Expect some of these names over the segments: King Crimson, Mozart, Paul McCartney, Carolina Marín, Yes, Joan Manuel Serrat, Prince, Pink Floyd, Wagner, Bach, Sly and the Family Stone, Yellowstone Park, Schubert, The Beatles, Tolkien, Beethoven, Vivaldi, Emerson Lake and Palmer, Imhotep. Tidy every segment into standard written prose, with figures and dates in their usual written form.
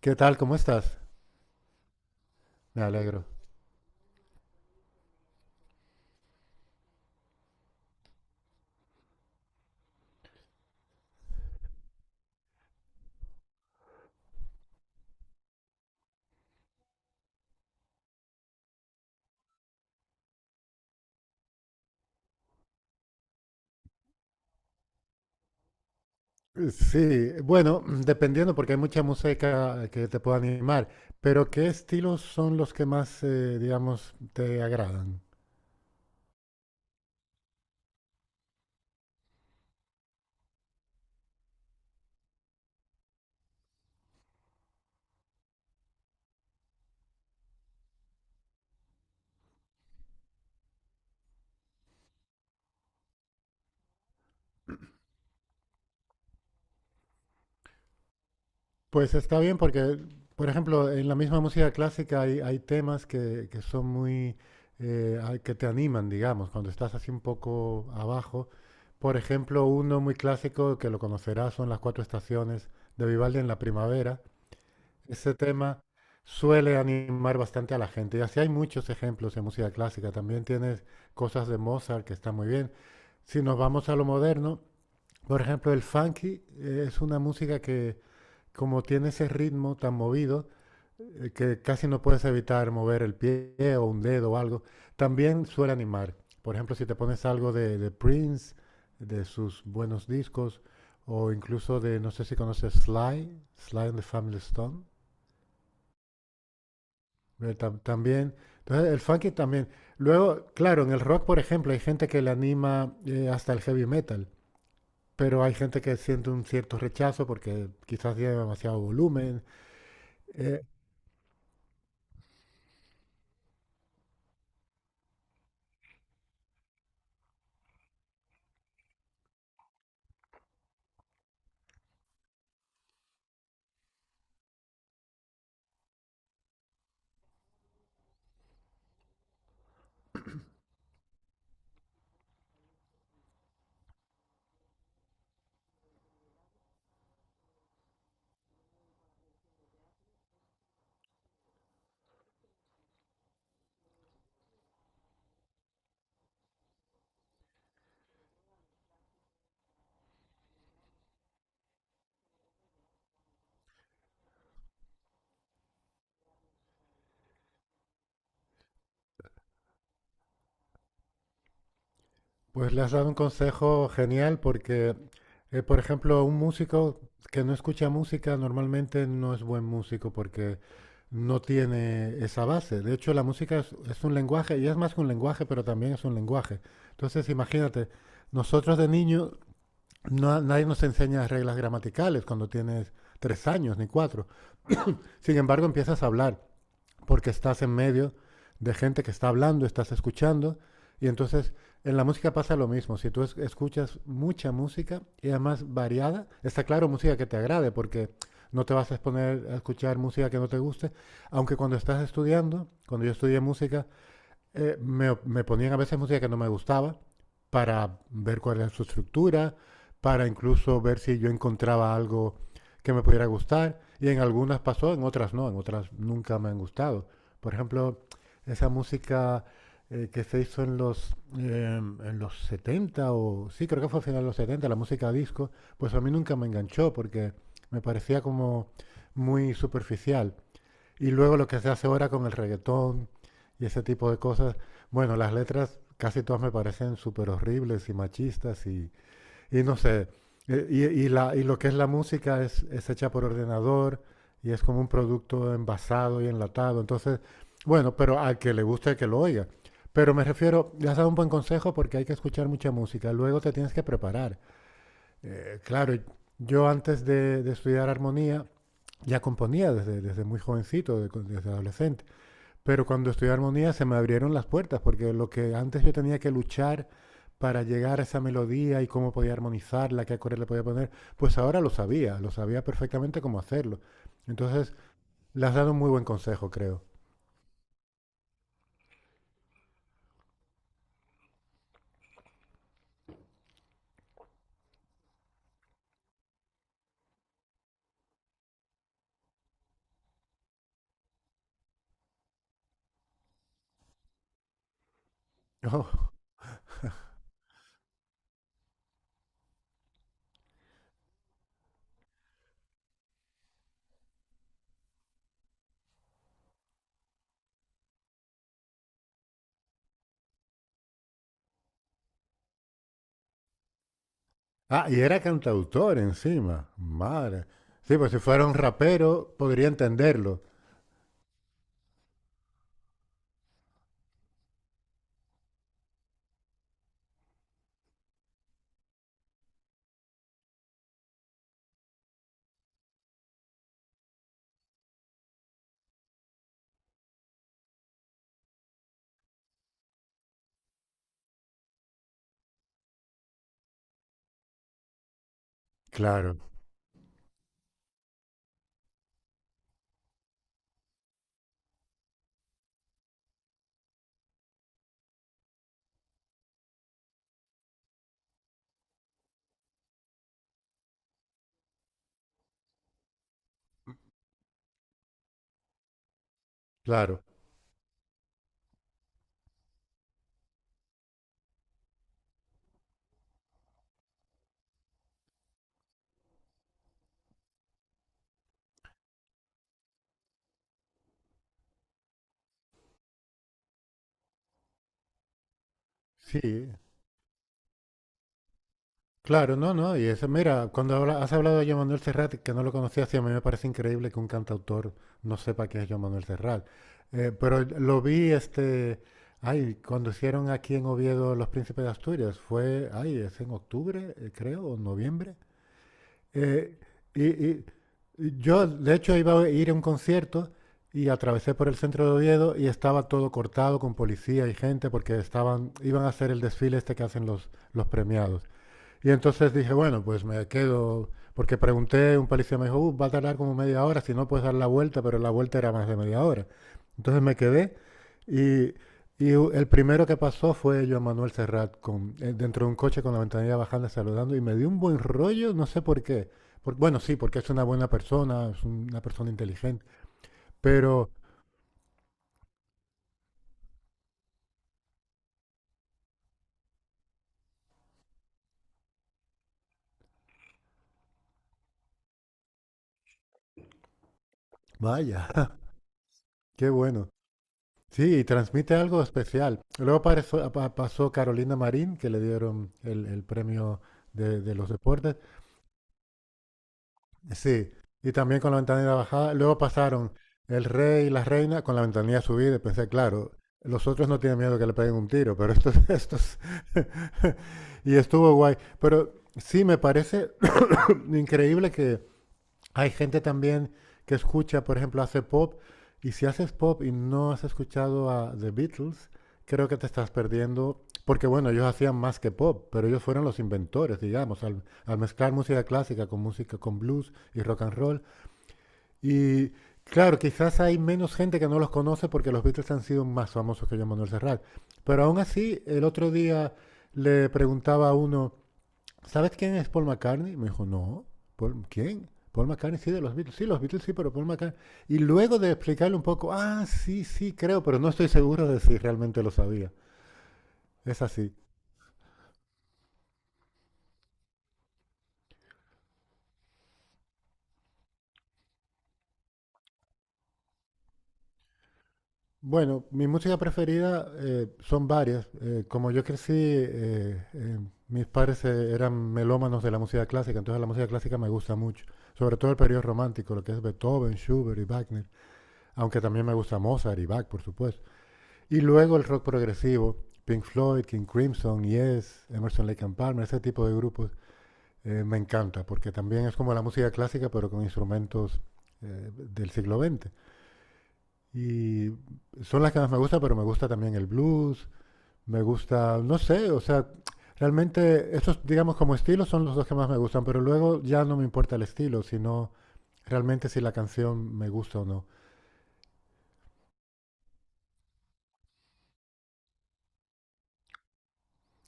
¿Qué tal? ¿Cómo estás? Me alegro. Sí, bueno, dependiendo porque hay mucha música que te puede animar, pero ¿qué estilos son los que más, digamos, te agradan? Pues está bien porque, por ejemplo, en la misma música clásica hay temas que son muy, que te animan, digamos, cuando estás así un poco abajo. Por ejemplo, uno muy clásico que lo conocerás son las cuatro estaciones de Vivaldi en la primavera. Ese tema suele animar bastante a la gente. Y así hay muchos ejemplos en música clásica. También tienes cosas de Mozart que están muy bien. Si nos vamos a lo moderno, por ejemplo, el funky es una música que, como tiene ese ritmo tan movido, que casi no puedes evitar mover el pie o un dedo o algo, también suele animar. Por ejemplo, si te pones algo de Prince, de sus buenos discos, o incluso de, no sé si conoces Sly and the Family Stone. También, entonces el funky también. Luego, claro, en el rock, por ejemplo, hay gente que le anima hasta el heavy metal, pero hay gente que siente un cierto rechazo porque quizás tiene demasiado volumen. Eh, pues le has dado un consejo genial porque, por ejemplo, un músico que no escucha música normalmente no es buen músico porque no tiene esa base. De hecho, la música es un lenguaje y es más que un lenguaje, pero también es un lenguaje. Entonces, imagínate, nosotros de niños no, nadie nos enseña reglas gramaticales cuando tienes tres años ni cuatro. Sin embargo, empiezas a hablar porque estás en medio de gente que está hablando, estás escuchando. Y entonces en la música pasa lo mismo. Si tú escuchas mucha música y además variada, está claro música que te agrade porque no te vas a exponer a escuchar música que no te guste. Aunque cuando estás estudiando, cuando yo estudié música, me ponían a veces música que no me gustaba para ver cuál era su estructura, para incluso ver si yo encontraba algo que me pudiera gustar. Y en algunas pasó, en otras no, en otras nunca me han gustado. Por ejemplo, esa música que se hizo en los, en los 70 o sí, creo que fue a finales de los 70 la música disco, pues a mí nunca me enganchó porque me parecía como muy superficial. Y luego lo que se hace ahora con el reggaetón y ese tipo de cosas, bueno, las letras casi todas me parecen súper horribles y machistas y no sé, y lo que es la música es hecha por ordenador y es como un producto envasado y enlatado, entonces, bueno, pero al que le guste que lo oiga. Pero me refiero, le has dado un buen consejo porque hay que escuchar mucha música, luego te tienes que preparar. Claro, yo antes de estudiar armonía ya componía desde muy jovencito, desde adolescente. Pero cuando estudié armonía se me abrieron las puertas, porque lo que antes yo tenía que luchar para llegar a esa melodía y cómo podía armonizarla, qué acorde le podía poner, pues ahora lo sabía perfectamente cómo hacerlo. Entonces, le has dado un muy buen consejo, creo. Oh. Ah, y era cantautor encima. Madre. Sí, pues si fuera un rapero, podría entenderlo. Claro, claro. Sí, Claro, no, no. Y eso, mira, cuando has hablado de Joan Manuel Serrat, que no lo conocía, sí, a mí me parece increíble que un cantautor no sepa quién es Joan Manuel Serrat. Pero lo vi, este, ay, cuando hicieron aquí en Oviedo Los Príncipes de Asturias, fue, ay, es en octubre, creo, o noviembre. Eh, y, y- y yo, de hecho, iba a ir a un concierto y atravesé por el centro de Oviedo y estaba todo cortado con policía y gente porque iban a hacer el desfile este que hacen los premiados. Y entonces dije, bueno, pues me quedo, porque pregunté, un policía me dijo, Va a tardar como media hora, si no puedes dar la vuelta", pero la vuelta era más de media hora. Entonces me quedé y, el primero que pasó fue Joan Manuel Serrat con, dentro de un coche con la ventanilla bajando saludando y me dio un buen rollo, no sé por qué. Bueno, sí, porque es una buena persona, es una persona inteligente, pero vaya, qué bueno. Sí, y transmite algo especial. Luego pasó Carolina Marín, que le dieron el premio de los deportes. Sí, y también con la ventanilla bajada. Luego pasaron el rey y la reina con la ventanilla subida. Y pensé, claro, los otros no tienen miedo que le peguen un tiro, pero estos, estos. Y estuvo guay. Pero sí, me parece increíble que hay gente también que escucha, por ejemplo, hace pop, y si haces pop y no has escuchado a The Beatles, creo que te estás perdiendo, porque bueno, ellos hacían más que pop, pero ellos fueron los inventores, digamos, al mezclar música clásica con música con blues y rock and roll. Y claro, quizás hay menos gente que no los conoce porque los Beatles han sido más famosos que Joan Manuel Serrat. Pero aún así, el otro día le preguntaba a uno, ¿sabes quién es Paul McCartney? Me dijo, no. ¿Quién? Paul McCartney, sí, de los Beatles. Sí, los Beatles, sí, pero Paul McCartney. Y luego de explicarle un poco, ah, sí, sí, creo, pero no estoy seguro de si realmente lo sabía. Es así. Bueno, mi música preferida son varias. Como yo crecí, mis padres eran melómanos de la música clásica, entonces la música clásica me gusta mucho. Sobre todo el periodo romántico, lo que es Beethoven, Schubert y Wagner. Aunque también me gusta Mozart y Bach, por supuesto. Y luego el rock progresivo, Pink Floyd, King Crimson, Yes, Emerson Lake and Palmer, ese tipo de grupos, me encanta, porque también es como la música clásica, pero con instrumentos del siglo XX. Y son las que más me gusta, pero me gusta también el blues, me gusta, no sé, o sea, realmente estos, digamos, como estilos son los dos que más me gustan, pero luego ya no me importa el estilo, sino realmente si la canción me gusta o no.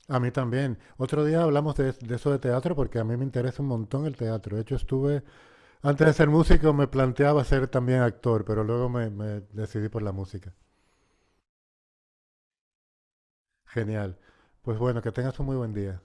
A mí también. Otro día hablamos de eso de teatro porque a mí me interesa un montón el teatro. De hecho, estuve, antes de ser músico me planteaba ser también actor, pero luego me decidí por la música. Genial. Pues bueno, que tengas un muy buen día.